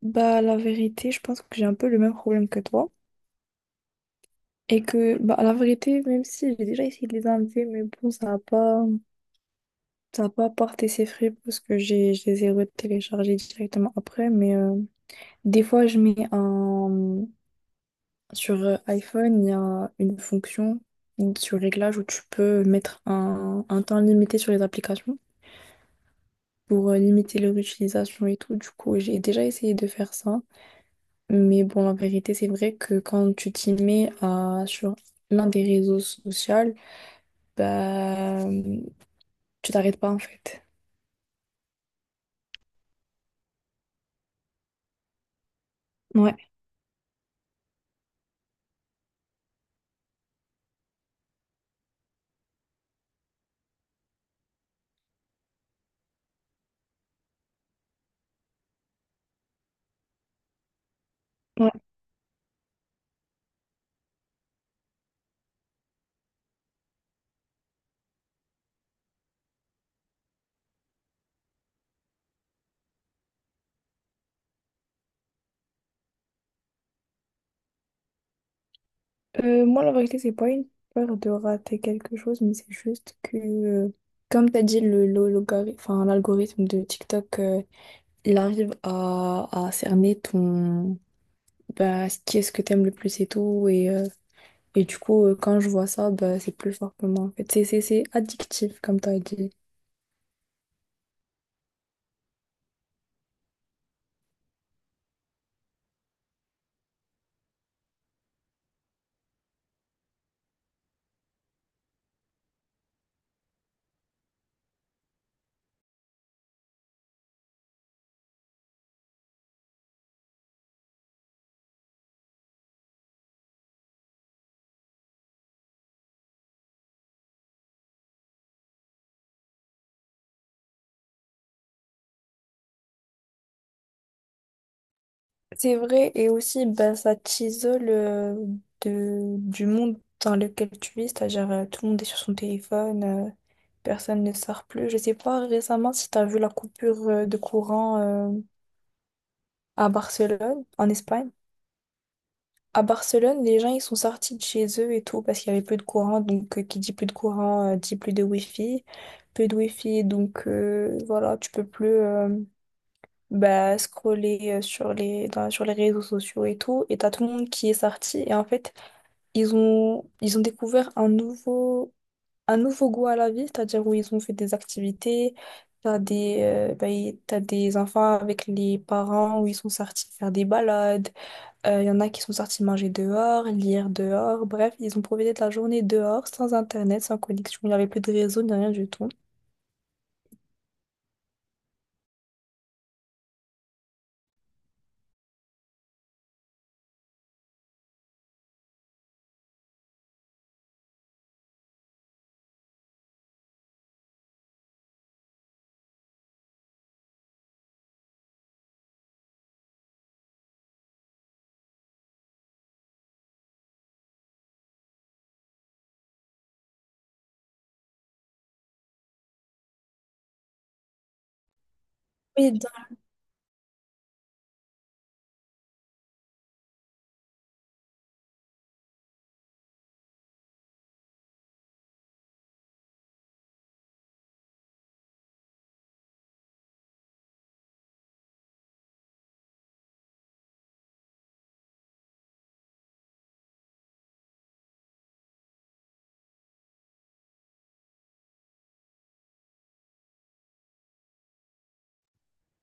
Bah, la vérité, je pense que j'ai un peu le même problème que toi. Et que, bah, la vérité, même si j'ai déjà essayé de les enlever, mais bon, ça a pas porté ses fruits parce que je les ai retéléchargés directement après. Mais des fois, je mets un. Sur iPhone, il y a une fonction sur réglage où tu peux mettre un temps limité sur les applications pour limiter leur utilisation et tout. Du coup, j'ai déjà essayé de faire ça. Mais bon, la vérité, c'est vrai que quand tu t'y mets à, sur l'un des réseaux sociaux, bah, tu t'arrêtes pas en fait. Ouais, ouais. Moi, la vérité, c'est pas une peur de rater quelque chose, mais c'est juste que, comme tu as dit, enfin, l'algorithme de TikTok, il arrive à cerner ton, bah, ce qui est ce que t'aimes le plus et tout. Et du coup, quand je vois ça, bah, c'est plus fort que moi en fait. C'est addictif, comme tu as dit. C'est vrai, et aussi, bah, ça t'isole de, du monde dans lequel tu vis, c'est-à-dire tout le monde est sur son téléphone, personne ne sort plus. Je sais pas récemment si tu as vu la coupure de courant à Barcelone, en Espagne. À Barcelone, les gens, ils sont sortis de chez eux et tout parce qu'il y avait peu de courant, donc qui dit plus de courant, dit plus de wifi, peu de wifi, donc voilà, tu peux plus... bah, scroller sur sur les réseaux sociaux et tout, et t'as tout le monde qui est sorti, et en fait, ils ont découvert un nouveau goût à la vie, c'est-à-dire où ils ont fait des activités, t'as des enfants avec les parents où ils sont sortis faire des balades, il y en a qui sont sortis manger dehors, lire dehors, bref, ils ont profité de la journée dehors, sans internet, sans connexion, il n'y avait plus de réseau, ni rien du tout.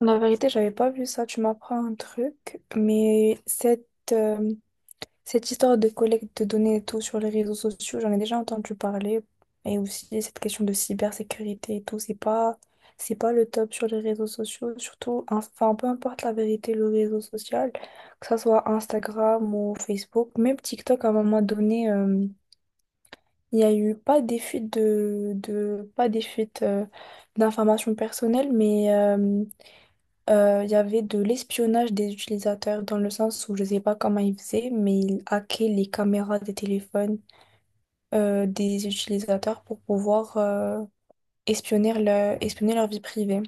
La vérité, j'avais pas vu ça. Tu m'apprends un truc, mais euh, cette histoire de collecte de données et tout sur les réseaux sociaux, j'en ai déjà entendu parler. Et aussi cette question de cybersécurité et tout, c'est pas le top sur les réseaux sociaux, surtout, enfin, peu importe la vérité, le réseau social, que ça soit Instagram ou Facebook, même TikTok, à un moment donné, il y a eu pas des fuites de pas des fuites, d'informations personnelles, mais il y avait de l'espionnage des utilisateurs dans le sens où je ne sais pas comment ils faisaient, mais ils hackaient les caméras des téléphones des utilisateurs pour pouvoir espionner, espionner leur vie privée.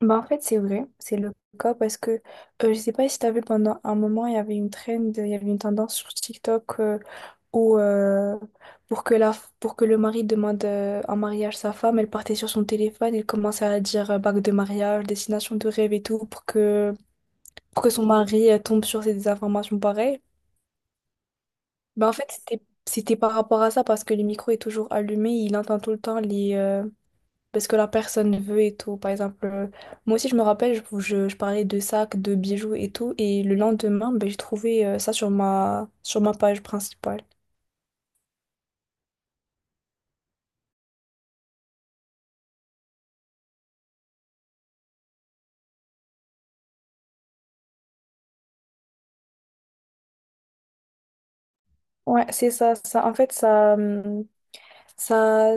Bah, en fait, c'est vrai, c'est le cas parce que je ne sais pas si tu as vu pendant un moment, il y avait une trend, il y avait une tendance sur TikTok où pour que la, pour que le mari demande en mariage sa femme, elle partait sur son téléphone, elle commençait à dire bague de mariage, destination de rêve et tout, pour que son mari tombe sur ces informations pareilles. Ben en fait, c'était par rapport à ça parce que le micro est toujours allumé, il entend tout le temps les parce que la personne veut et tout. Par exemple, moi aussi je me rappelle, je parlais de sacs, de bijoux et tout, et le lendemain, ben, j'ai trouvé ça sur ma page principale. Ouais, c'est ça, ça. En fait, ça,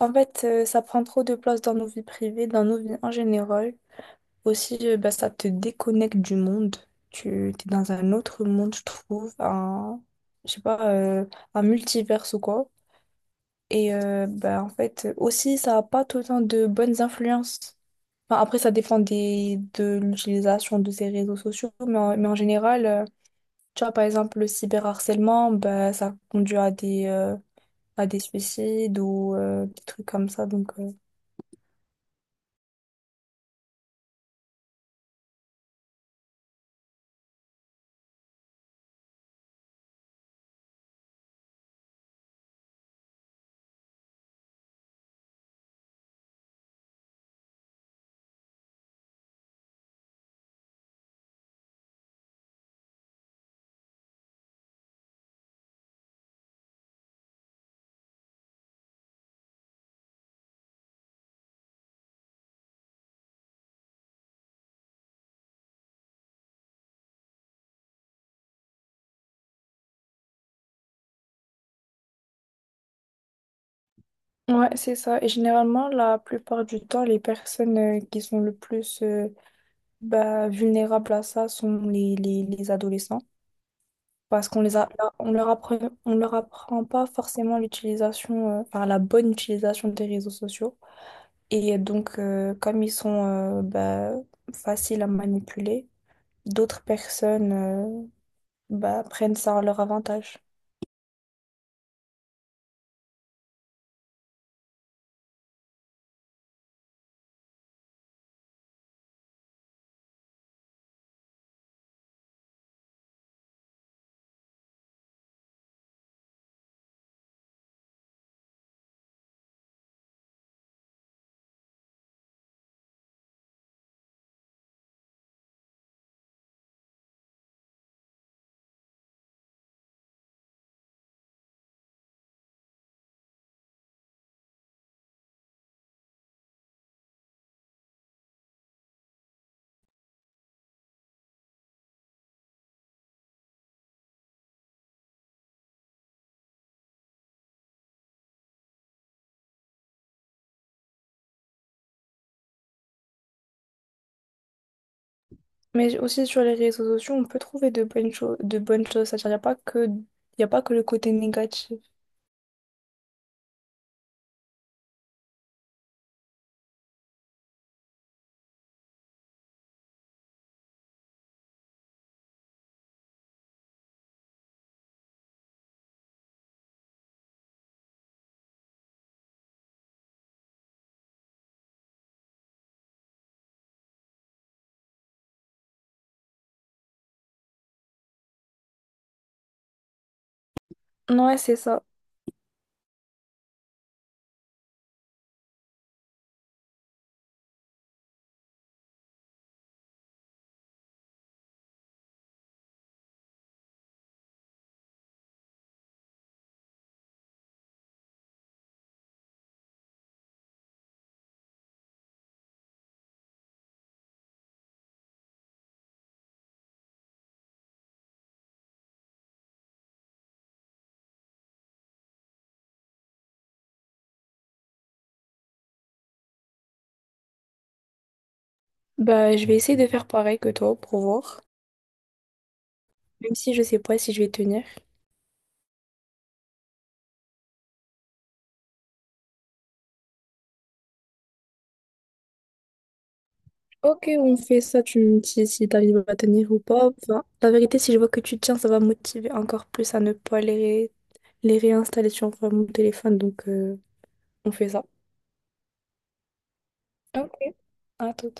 en fait, ça prend trop de place dans nos vies privées, dans nos vies en général. Aussi, bah, ça te déconnecte du monde. Tu es dans un autre monde, je trouve, un, je sais pas, un multivers ou quoi. Et bah, en fait, aussi, ça n'a pas tout le temps de bonnes influences. Enfin, après, ça dépend de l'utilisation de ces réseaux sociaux, mais en général, tu vois, par exemple, le cyberharcèlement, bah, ça conduit à des suicides ou des trucs comme ça. Donc, ouais, c'est ça. Et généralement, la plupart du temps, les personnes qui sont le plus bah, vulnérables à ça sont les adolescents. Parce qu'on les a, on leur apprend, on leur apprend pas forcément l'utilisation, enfin la bonne utilisation des réseaux sociaux. Et donc, comme ils sont bah, faciles à manipuler, d'autres personnes bah, prennent ça à leur avantage. Mais aussi sur les réseaux sociaux, on peut trouver de bonnes choses, de bonnes choses. C'est-à-dire, il n'y a pas que, y a pas que le côté négatif. Ouais, c'est ça. Bah, je vais essayer de faire pareil que toi pour voir, même si je sais pas si je vais tenir. Ok, on fait ça, tu me dis si t'arrives à tenir ou pas. Enfin, la vérité, si je vois que tu tiens, ça va me motiver encore plus à ne pas les réinstaller sur mon téléphone. Donc, on fait ça. Ok, à tout.